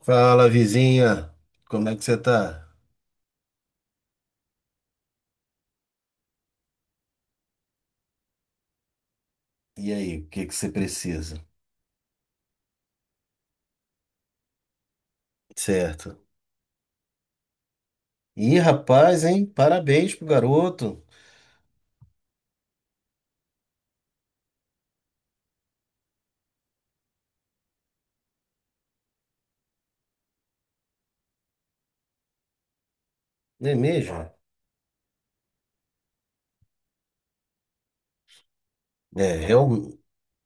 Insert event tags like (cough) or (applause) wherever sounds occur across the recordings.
Fala, vizinha. Como é que você tá? E aí, o que que você precisa? Certo. Ih, rapaz, hein? Parabéns pro garoto. Não é mesmo? É,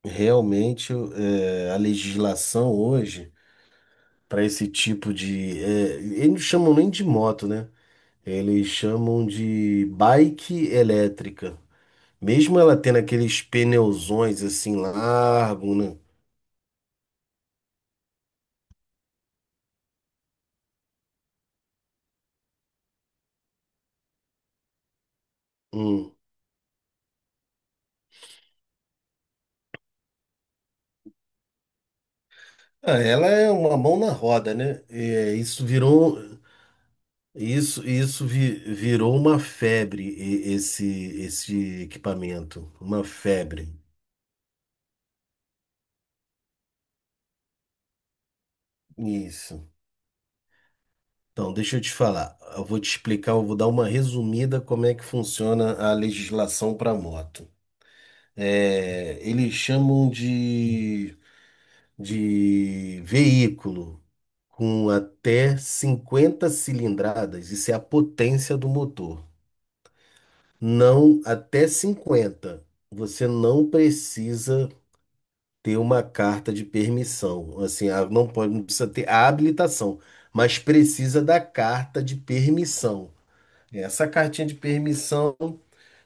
realmente é, a legislação hoje para esse tipo de, eles não chamam nem de moto, né? Eles chamam de bike elétrica. Mesmo ela tendo aqueles pneuzões assim largo, né? Hum. Ah, ela é uma mão na roda, né? É, isso virou um. Isso, virou uma febre, esse equipamento. Uma febre. Isso. Então, deixa eu te falar. Eu vou te explicar, eu vou dar uma resumida como é que funciona a legislação para moto. É, eles chamam de veículo com até 50 cilindradas. Isso é a potência do motor. Não, até 50. Você não precisa ter uma carta de permissão. Assim, não pode, não precisa ter a habilitação, mas precisa da carta de permissão. Essa cartinha de permissão,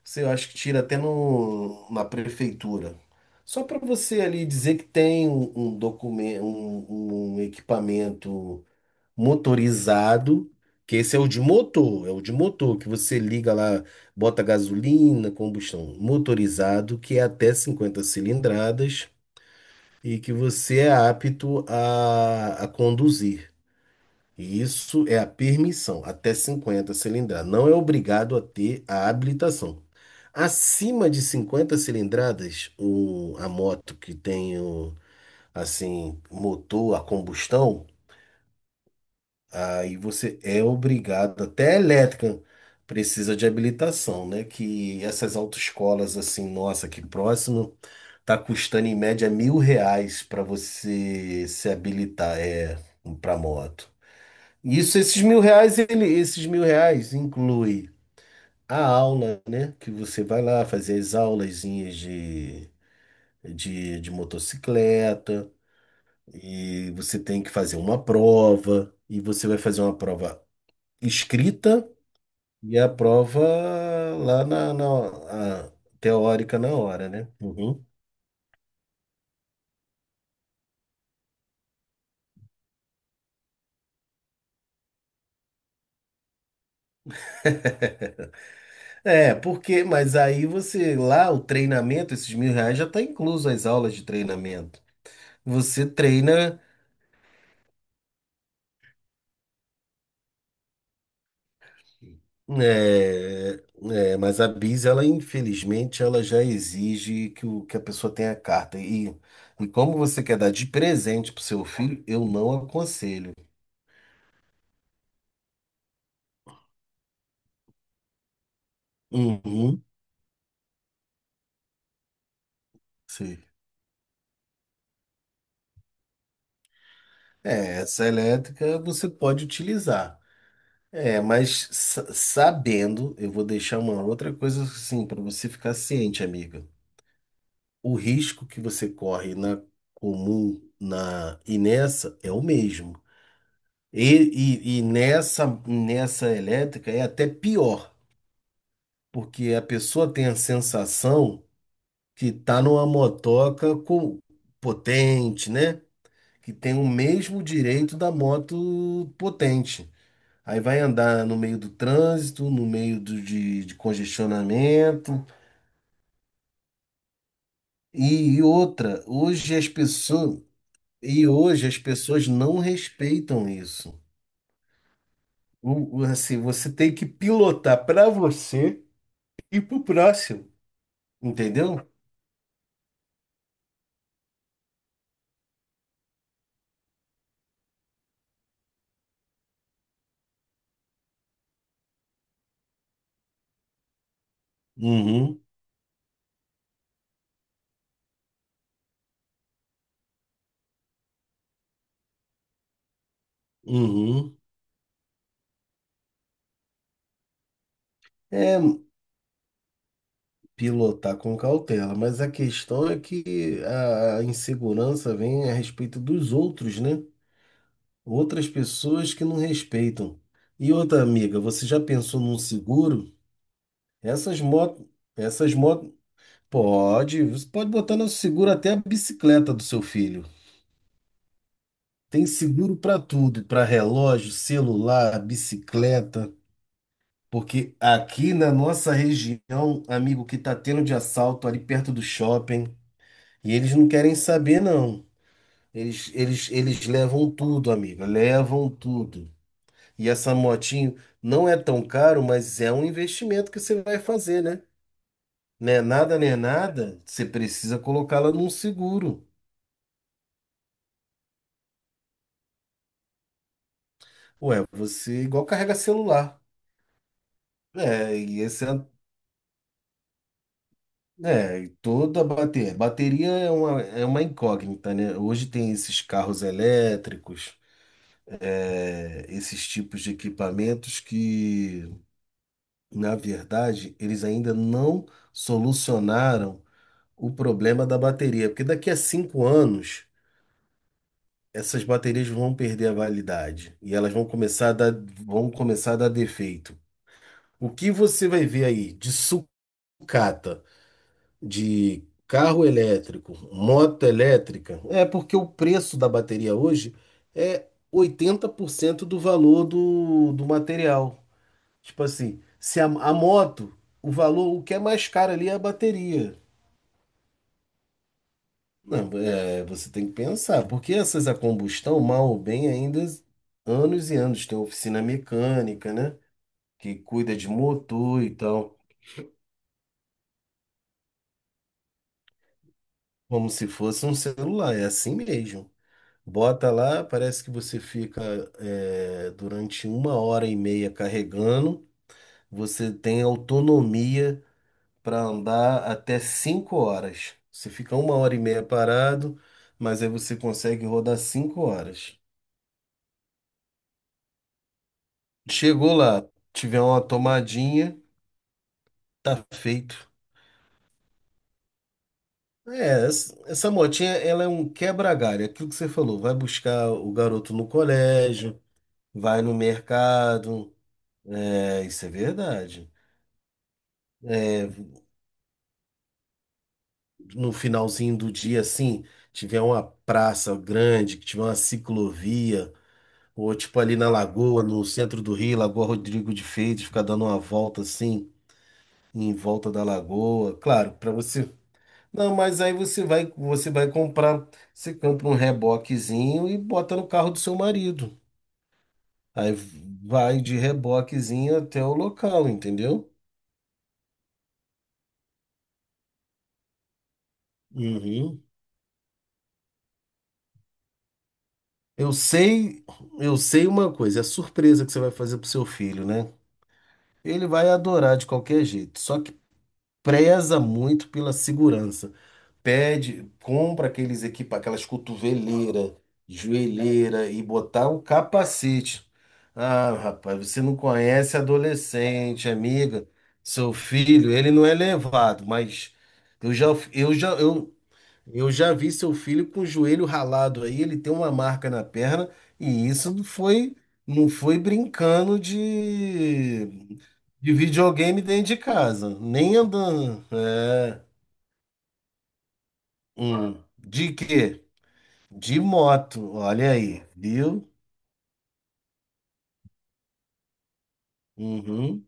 você eu acho que tira até no, na prefeitura. Só para você ali dizer que tem um documento, um equipamento motorizado, que esse é o de motor, que você liga lá, bota gasolina, combustão motorizado, que é até 50 cilindradas e que você é apto a conduzir. E isso é a permissão, até 50 cilindradas. Não é obrigado a ter a habilitação. Acima de 50 cilindradas, a moto que tem assim, motor a combustão, aí você é obrigado, até a elétrica precisa de habilitação, né? Que essas autoescolas, assim, nossa, que próximo, tá custando em média R$ 1.000 para você se habilitar, para moto. Isso, esses R$ 1.000 inclui a aula, né? Que você vai lá fazer as aulazinhas de motocicleta, e você tem que fazer uma prova. E você vai fazer uma prova escrita. E a prova lá a teórica na hora, né? Uhum. É, porque, mas aí você, lá o treinamento, esses R$ 1.000 já está incluso as aulas de treinamento. Você treina, é, mas a Bis, ela infelizmente, ela já exige que a pessoa tenha carta. E como você quer dar de presente para o seu filho, eu não aconselho. Uhum, sim. É, essa elétrica você pode utilizar. É, mas sabendo, eu vou deixar uma outra coisa assim para você ficar ciente, amiga. O risco que você corre na comum, na e nessa é o mesmo. E, e nessa elétrica é até pior, porque a pessoa tem a sensação que tá numa motoca, com, potente, né? Que tem o mesmo direito da moto potente. Aí vai andar no meio do trânsito, no meio de congestionamento. E outra, e hoje as pessoas não respeitam isso. Assim, você tem que pilotar para você e para o próximo, entendeu? Uhum, uhum. É pilotar com cautela, mas a questão é que a insegurança vem a respeito dos outros, né? Outras pessoas que não respeitam. E outra amiga, você já pensou num seguro? Essas motos, essas motos, você pode botar no seguro até a bicicleta do seu filho. Tem seguro para tudo, para relógio, celular, bicicleta, porque aqui na nossa região, amigo, que tá tendo de assalto ali perto do shopping, e eles não querem saber não. Eles levam tudo, amiga, levam tudo. E essa motinho não é tão caro, mas é um investimento que você vai fazer, né? Né? Nada, né? Nada. Você precisa colocá-la num seguro. Ué, você é igual carrega celular. É, e essa, é, e toda bateria. Bateria é uma incógnita, né? Hoje tem esses carros elétricos, esses tipos de equipamentos que, na verdade, eles ainda não solucionaram o problema da bateria. Porque daqui a 5 anos essas baterias vão perder a validade e elas vão começar a dar defeito. O que você vai ver aí de sucata, de carro elétrico, moto elétrica, é porque o preço da bateria hoje é 80% do valor do material. Tipo assim, se a moto, o valor, o que é mais caro ali é a bateria. Não, é, você tem que pensar, porque essas a combustão, mal ou bem, ainda anos e anos. Tem oficina mecânica, né? Que cuida de motor e tal, como se fosse um celular, é assim mesmo. Bota lá, parece que você fica durante 1 hora e meia carregando. Você tem autonomia para andar até 5 horas. Você fica 1 hora e meia parado, mas aí você consegue rodar 5 horas. Chegou lá, tiver uma tomadinha, tá feito. É, essa motinha, ela é um quebra-galho, é aquilo que você falou, vai buscar o garoto no colégio, vai no mercado, isso é verdade. É, no finalzinho do dia, assim, tiver uma praça grande, que tiver uma ciclovia, ou tipo ali na Lagoa, no centro do Rio, Lagoa Rodrigo de Freitas, ficar dando uma volta assim, em volta da Lagoa, claro, para você. Não, mas aí você vai comprar. Você compra um reboquezinho e bota no carro do seu marido. Aí vai de reboquezinho até o local, entendeu? Uhum. Eu sei, eu sei uma coisa, é a surpresa que você vai fazer pro seu filho, né? Ele vai adorar de qualquer jeito, só que preza muito pela segurança. Pede, compra aquelas cotoveleira, joelheira e botar o capacete. Ah, rapaz, você não conhece adolescente, amiga. Seu filho, ele não é levado, mas eu já, eu já, eu, eu já vi seu filho com o joelho ralado aí. Ele tem uma marca na perna, e isso não foi, não foi brincando de videogame dentro de casa, nem andando. É. De quê? De moto, olha aí, viu? Uhum,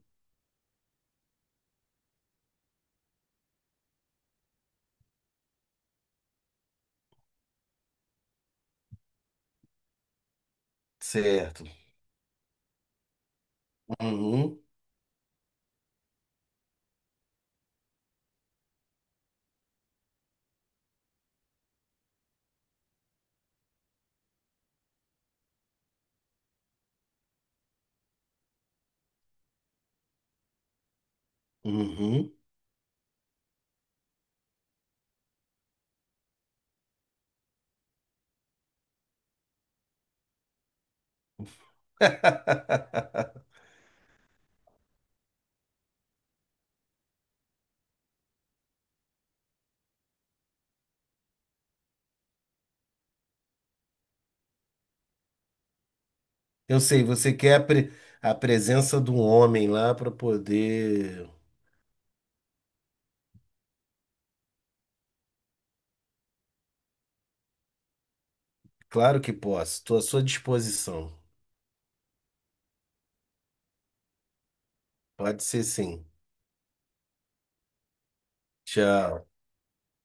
certo. Uhum, uhum. (laughs) Eu sei, você quer a presença do homem lá para poder. Claro que posso, estou à sua disposição. Pode ser sim. Tchau.